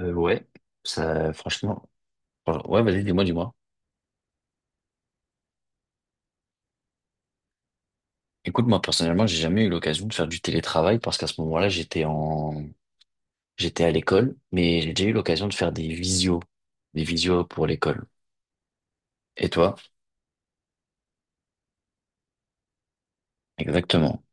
Euh, ouais, Ça, franchement, ouais, vas-y, dis-moi, dis-moi. Écoute, moi, personnellement, j'ai jamais eu l'occasion de faire du télétravail parce qu'à ce moment-là, j'étais à l'école, mais j'ai déjà eu l'occasion de faire des visios pour l'école. Et toi? Exactement.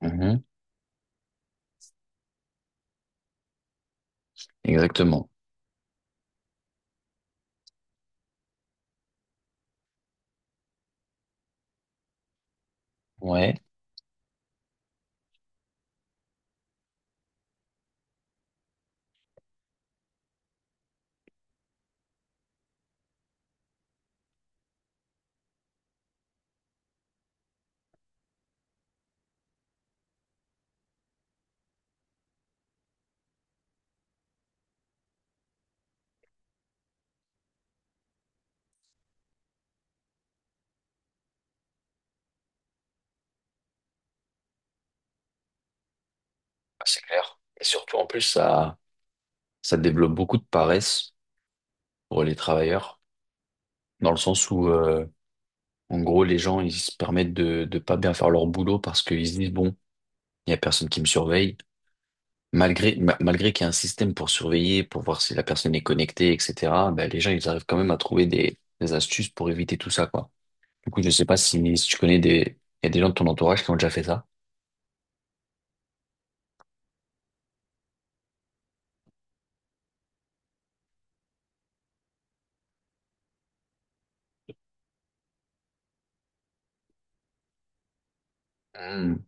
Mhm. Exactement. Ouais. Ah, c'est clair. Et surtout, en plus, ça développe beaucoup de paresse pour les travailleurs, dans le sens où, en gros, les gens, ils se permettent de pas bien faire leur boulot parce qu'ils se disent, bon, il n'y a personne qui me surveille. Malgré qu'il y ait un système pour surveiller, pour voir si la personne est connectée, etc., ben, les gens, ils arrivent quand même à trouver des astuces pour éviter tout ça, quoi. Du coup, je sais pas si, si tu connais des, il y a des gens de ton entourage qui ont déjà fait ça. Hmm.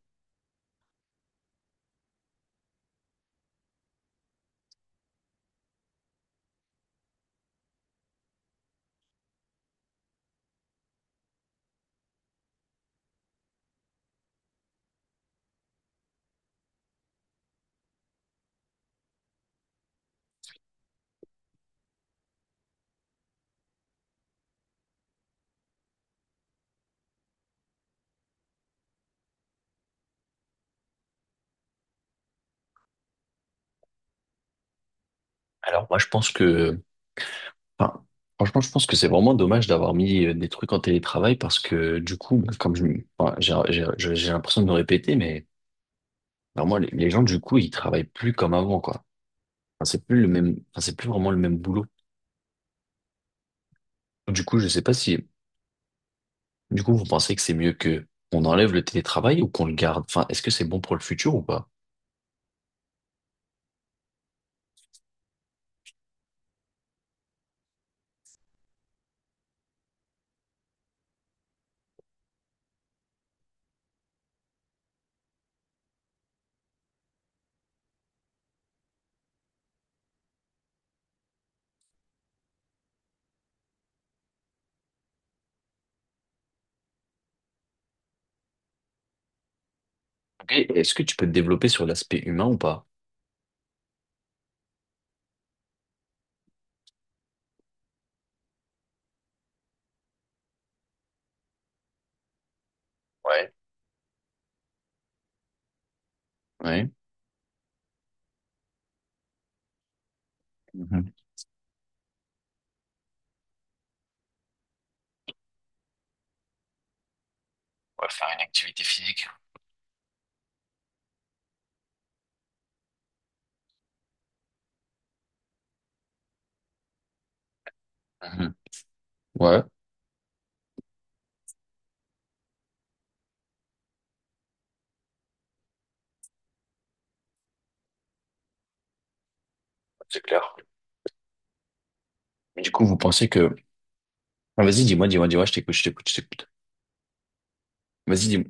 Alors, moi, je pense que, enfin, franchement, je pense que c'est vraiment dommage d'avoir mis des trucs en télétravail parce que, du coup, ben, comme je, enfin, j'ai l'impression de me répéter, mais alors moi, les gens, du coup, ils travaillent plus comme avant, quoi. C'est plus vraiment le même boulot. Du coup, je sais pas si, du coup, vous pensez que c'est mieux que on enlève le télétravail ou qu'on le garde. Enfin, est-ce que c'est bon pour le futur ou pas? Ok, est-ce que tu peux te développer sur l'aspect humain ou pas? Ouais. Ouais. Mhm. Ouais, faire une activité physique. Mhm. Ouais. C'est clair. Mais du coup, vous pensez que, ah, vas-y, dis-moi, dis-moi, dis-moi, je t'écoute, je t'écoute, je t'écoute. Vas-y, dis-moi.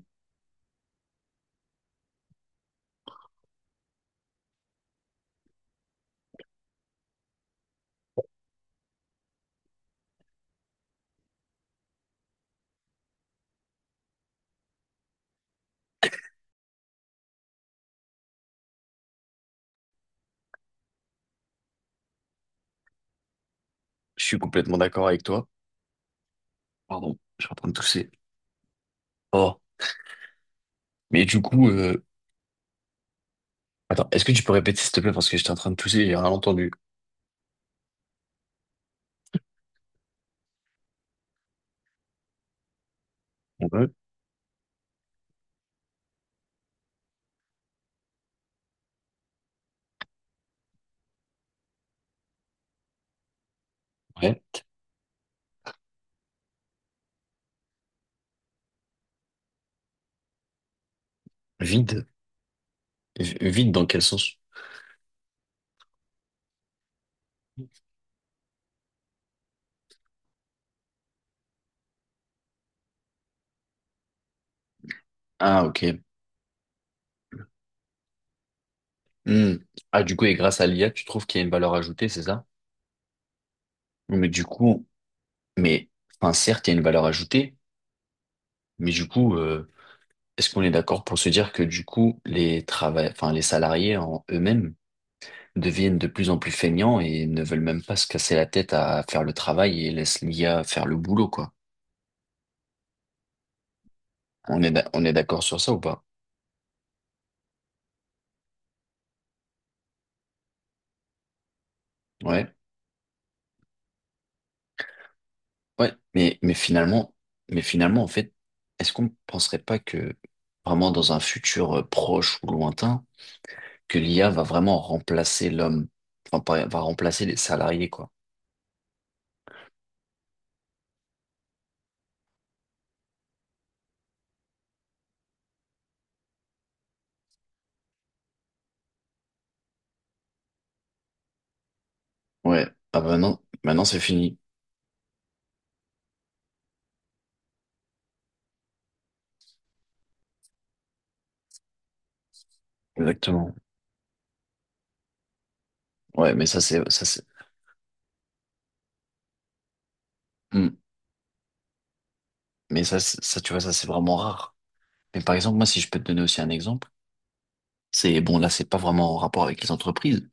Je suis complètement d'accord avec toi. Pardon, je suis en train de tousser. Oh. Mais du coup, attends, est-ce que tu peux répéter s'il te plaît parce que j'étais en train de tousser, et j'ai rien entendu. On ouais. Vide. Vide dans quel sens? Ah, ok. Hmm. Ah, du coup, et grâce à l'IA, tu trouves qu'il y a une valeur ajoutée, c'est ça? Oui. Mais, certes, il y a une valeur ajoutée, mais du coup, est-ce qu'on est d'accord pour se dire que du coup, les salariés en eux-mêmes deviennent de plus en plus feignants et ne veulent même pas se casser la tête à faire le travail et laissent l'IA faire le boulot, quoi. On est d'accord sur ça ou pas? Ouais. Ouais, mais, mais finalement, mais finalement, en fait, est-ce qu'on ne penserait pas que vraiment dans un futur proche ou lointain, que l'IA va vraiment remplacer l'homme, va remplacer les salariés, quoi. Ouais, ah bah non, maintenant c'est fini. Exactement. Ouais, mais ça c'est, ça c'est, Hmm. Ça tu vois, ça c'est vraiment rare. Mais par exemple, moi, si je peux te donner aussi un exemple, c'est, bon, là, c'est pas vraiment en rapport avec les entreprises,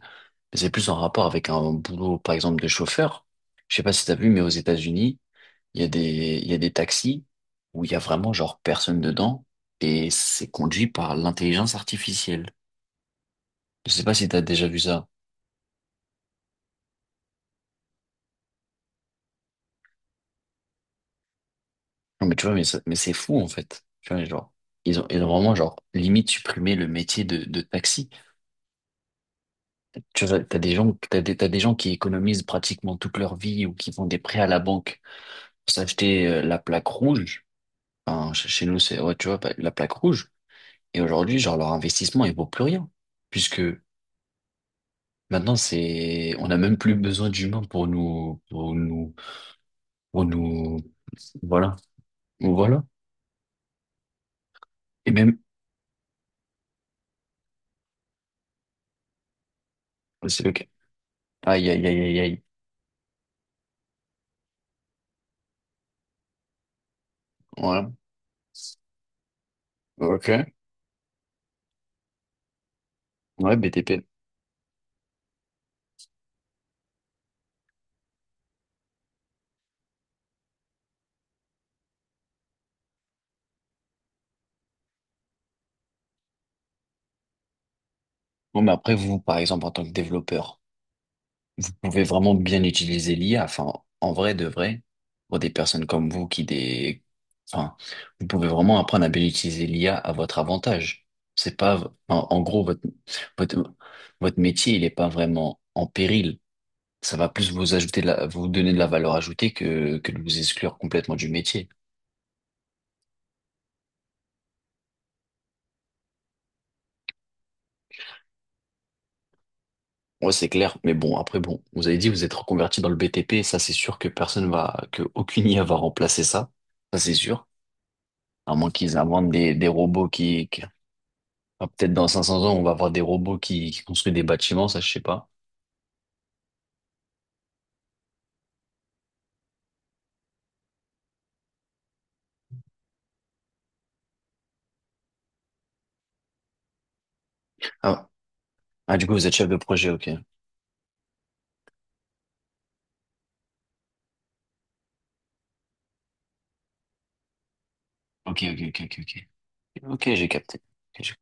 mais c'est plus en rapport avec un boulot, par exemple, de chauffeur. Je sais pas si t'as vu, mais aux États-Unis, il y a il y a des taxis où il y a vraiment genre personne dedans et c'est conduit par l'intelligence artificielle. Je sais pas si t'as déjà vu ça. Non, mais tu vois, mais c'est fou en fait. Tu vois, genre, ils ont vraiment genre limite supprimé le métier de taxi. Tu vois, t'as des gens, t'as des gens qui économisent pratiquement toute leur vie ou qui font des prêts à la banque pour s'acheter la plaque rouge. Chez nous, c'est, ouais, tu vois, bah, la plaque rouge. Et aujourd'hui, genre, leur investissement, il vaut plus rien puisque maintenant, c'est, on n'a même plus besoin d'humains pour nous, voilà, voilà. Et même, c'est le cas. Aïe, aïe, aïe, aïe, aïe. Voilà. Ok. Ouais, BTP. Bon, mais après, vous, par exemple, en tant que développeur, vous pouvez vraiment bien utiliser l'IA. Enfin, en vrai, de vrai, pour des personnes comme vous qui des, enfin, vous pouvez vraiment apprendre à bien utiliser l'IA à votre avantage. C'est pas, en, en gros, votre, votre, Votre métier, il est pas vraiment en péril. Ça va plus vous donner de la valeur ajoutée que de vous exclure complètement du métier. Ouais, c'est clair, mais bon, après, bon, vous avez dit, vous êtes reconverti dans le BTP, ça c'est sûr que personne va, que aucune IA va remplacer ça, ça c'est sûr. À moins qu'ils inventent des robots ah, peut-être dans 500 ans, on va avoir des robots qui construisent des bâtiments, ça je sais pas. Ah, ah, du coup, vous êtes chef de projet, ok. Ok, ok, ok, ok, ok. Ok, j'ai capté. Ok, j'ai-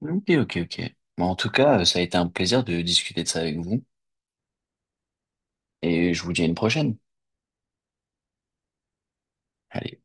ok, ok. Ok. Bon, en tout cas, ça a été un plaisir de discuter de ça avec vous, et je vous dis à une prochaine. Allez.